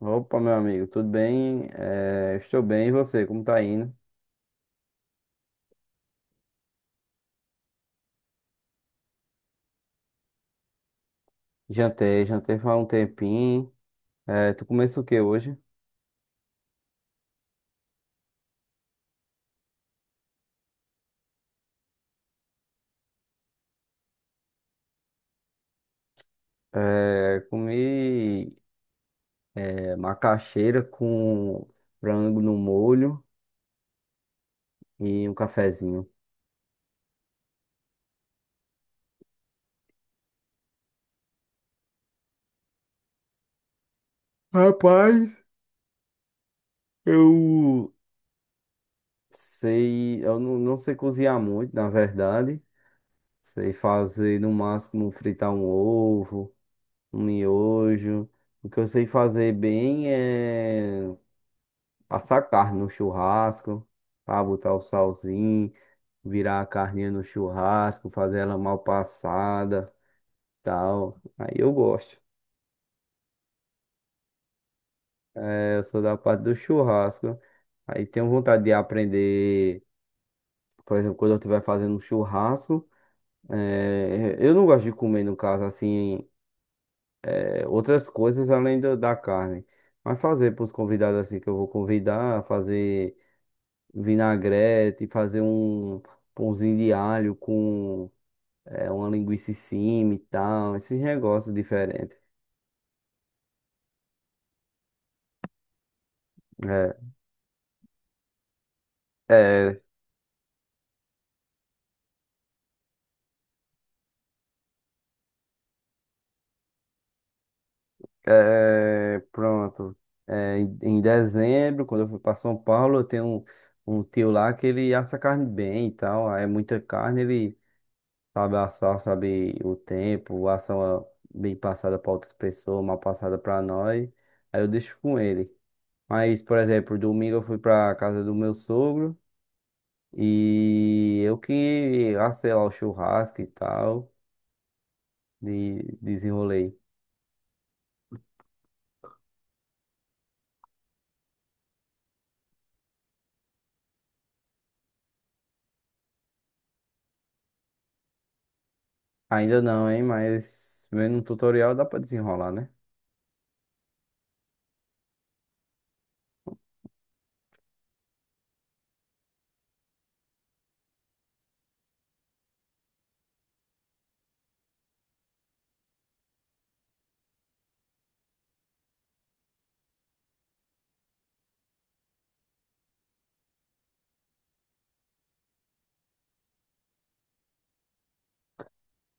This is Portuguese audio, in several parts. Opa, meu amigo, tudo bem? Estou bem, e você? Como tá indo? Jantei, jantei faz um tempinho. Tu começou o que hoje? Comi macaxeira com frango no molho e um cafezinho. Rapaz, eu sei, eu não sei cozinhar muito, na verdade. Sei fazer no máximo fritar um ovo, um miojo. O que eu sei fazer bem é passar carne no churrasco, para botar o salzinho, virar a carninha no churrasco, fazer ela mal passada, tal. Aí eu gosto. É, eu sou da parte do churrasco. Aí tenho vontade de aprender, por exemplo, quando eu estiver fazendo um churrasco. Eu não gosto de comer, no caso, assim, outras coisas da carne. Mas fazer para os convidados assim que eu vou convidar, fazer vinagrete, fazer um pãozinho de alho com é uma linguiça em cima e tal, esses negócios diferentes. É, é, é, pronto. É, em dezembro, quando eu fui para São Paulo, eu tenho um tio lá que ele assa carne bem e tal. Aí é muita carne, ele sabe assar, sabe o tempo, assa uma bem passada para outras pessoas, mal passada para nós. Aí eu deixo com ele. Mas, por exemplo, domingo eu fui para casa do meu sogro e eu que assei lá o churrasco e tal. De desenrolei. Ainda não, hein? Mas vendo um tutorial dá pra desenrolar, né?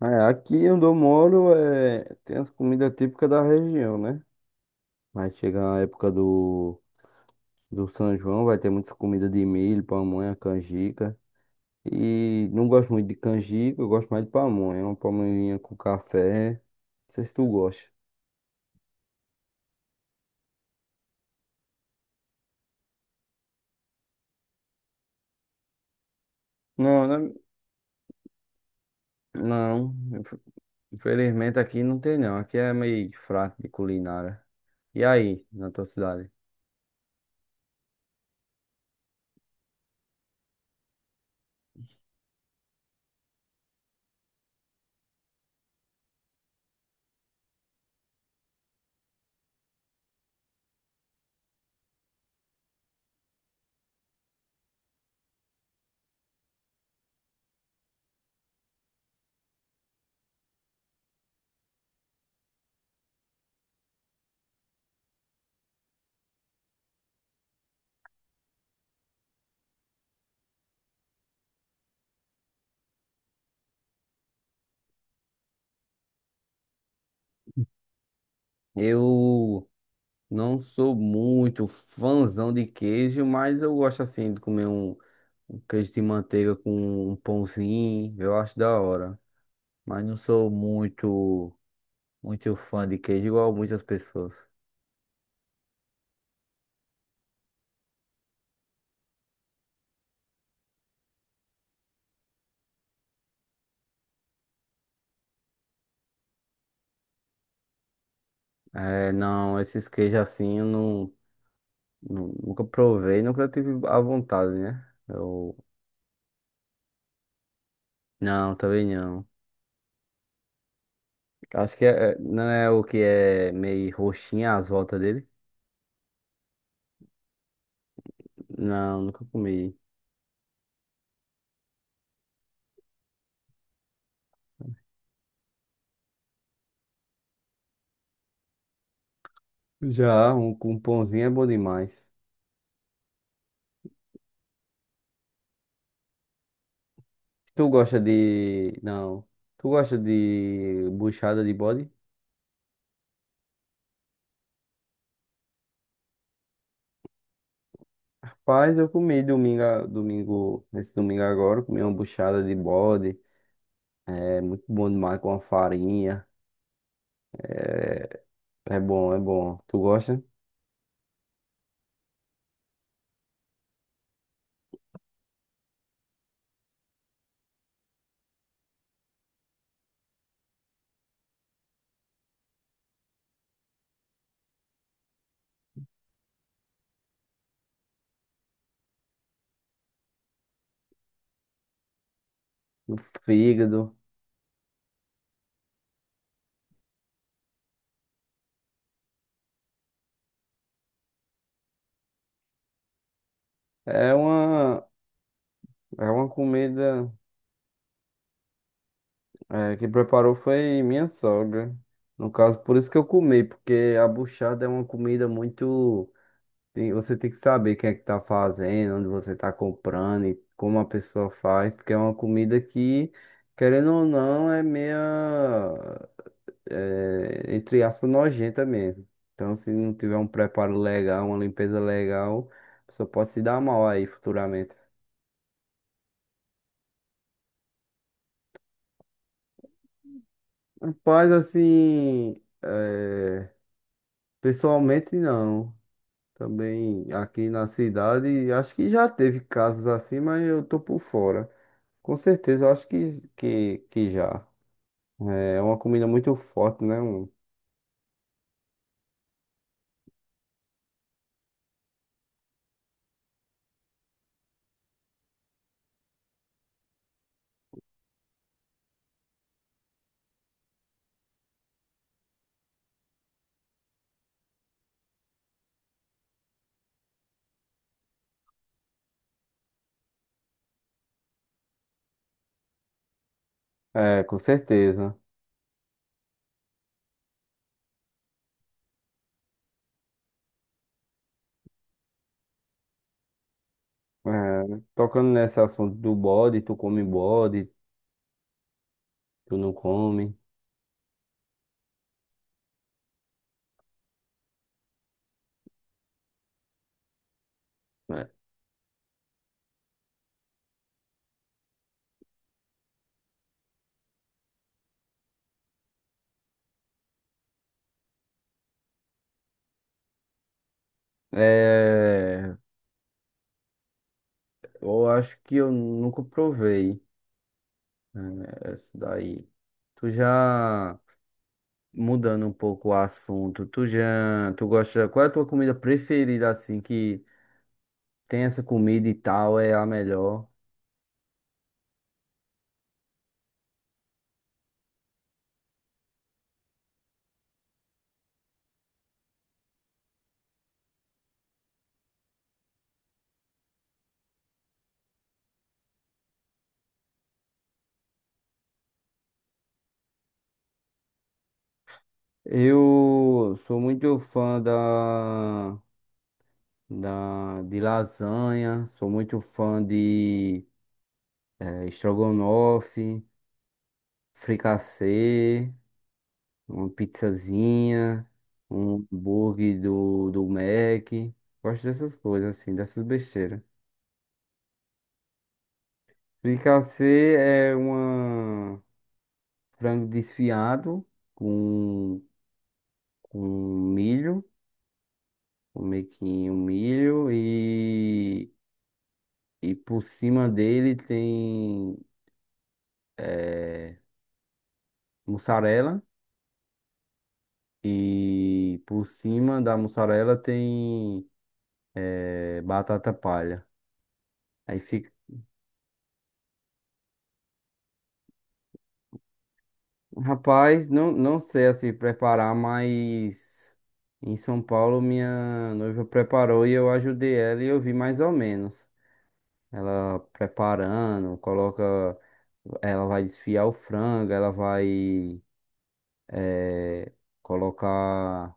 É, aqui onde eu moro é, tem as comidas típicas da região, né? Mas chega a época do São João, vai ter muitas comidas de milho, pamonha, canjica. E não gosto muito de canjica, eu gosto mais de pamonha. Uma pamonhinha com café. Não sei se tu gosta. Não, não, não. Infelizmente aqui não tem não. Aqui é meio fraco de culinária. E aí, na tua cidade? Eu não sou muito fãzão de queijo, mas eu gosto assim de comer um queijo de manteiga com um pãozinho, eu acho da hora. Mas não sou muito, muito fã de queijo, igual muitas pessoas. É, não, esses queijos assim eu não, nunca provei, nunca tive a vontade, né? Eu, não, também não. Acho que não é o que é meio roxinha as voltas dele. Não, nunca comi. Já, um pãozinho é bom demais. Tu gosta de. Não. Tu gosta de buchada de bode? Rapaz, eu comi domingo, domingo, nesse domingo agora, comi uma buchada de bode. É muito bom demais com a farinha. É, é bom, é bom. Tu gosta? Do fígado. É uma, é uma comida é, que preparou foi minha sogra. No caso, por isso que eu comi, porque a buchada é uma comida muito. Você tem que saber quem é que tá fazendo, onde você tá comprando e como a pessoa faz, porque é uma comida que, querendo ou não, é meia, é, entre aspas, nojenta mesmo. Então, se não tiver um preparo legal, uma limpeza legal, a pessoa pode se dar mal aí futuramente. Rapaz, assim, é, pessoalmente não. Também aqui na cidade, acho que já teve casos assim, mas eu tô por fora. Com certeza, eu acho que já. É uma comida muito forte, né? Um- É, com certeza. É, tocando nesse assunto do bode, tu come bode, tu não come. É, é, eu acho que eu nunca provei, né, essa daí. Tu já mudando um pouco o assunto, tu já, tu gosta, qual é a tua comida preferida assim que tem essa comida e tal, é a melhor? Eu sou muito fã de lasanha, sou muito fã de estrogonofe, fricassê, uma pizzazinha, um hambúrguer do Mac. Gosto dessas coisas, assim, dessas besteiras. Fricassê é uma frango desfiado com, com milho, um mequinho, milho e por cima dele tem eh, mussarela. E por cima da mussarela tem batata palha. Aí fica. Rapaz, não, não sei assim preparar, mas em São Paulo minha noiva preparou e eu ajudei ela e eu vi mais ou menos. Ela preparando, coloca. Ela vai desfiar o frango, ela vai eh, colocar.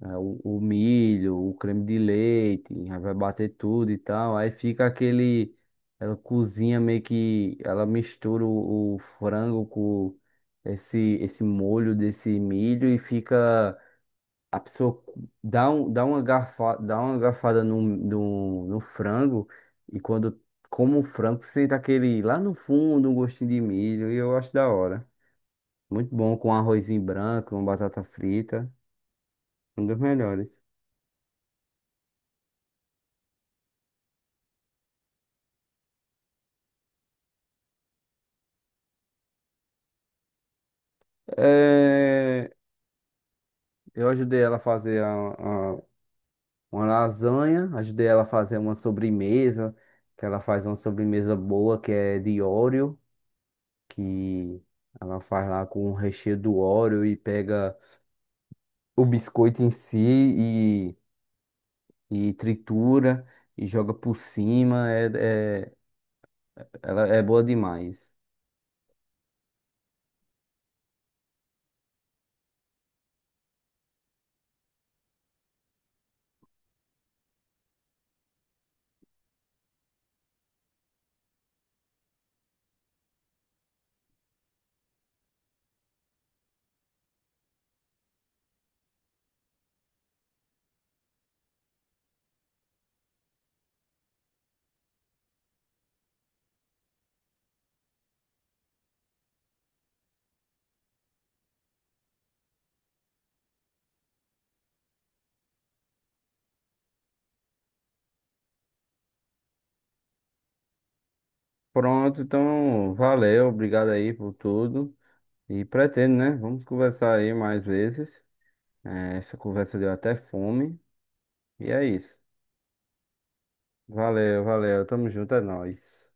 É, o milho, o creme de leite, aí vai bater tudo e tal. Aí fica aquele. Ela cozinha meio que. Ela mistura o frango com esse molho desse milho e fica. A pessoa dá, um, dá, uma garfa, dá uma garfada no frango e quando come o frango sente aquele lá no fundo um gostinho de milho e eu acho da hora. Muito bom com arrozinho branco, uma batata frita. Um dos melhores. É, eu ajudei ela a fazer a- uma lasanha, ajudei ela a fazer uma sobremesa, que ela faz uma sobremesa boa, que é de Oreo, que ela faz lá com o recheio do Oreo e pega o biscoito em si e tritura e joga por cima. É, é, ela é boa demais. Pronto, então valeu, obrigado aí por tudo. E pretendo, né? Vamos conversar aí mais vezes. É, essa conversa deu até fome. E é isso. Valeu, valeu. Tamo junto, é nóis.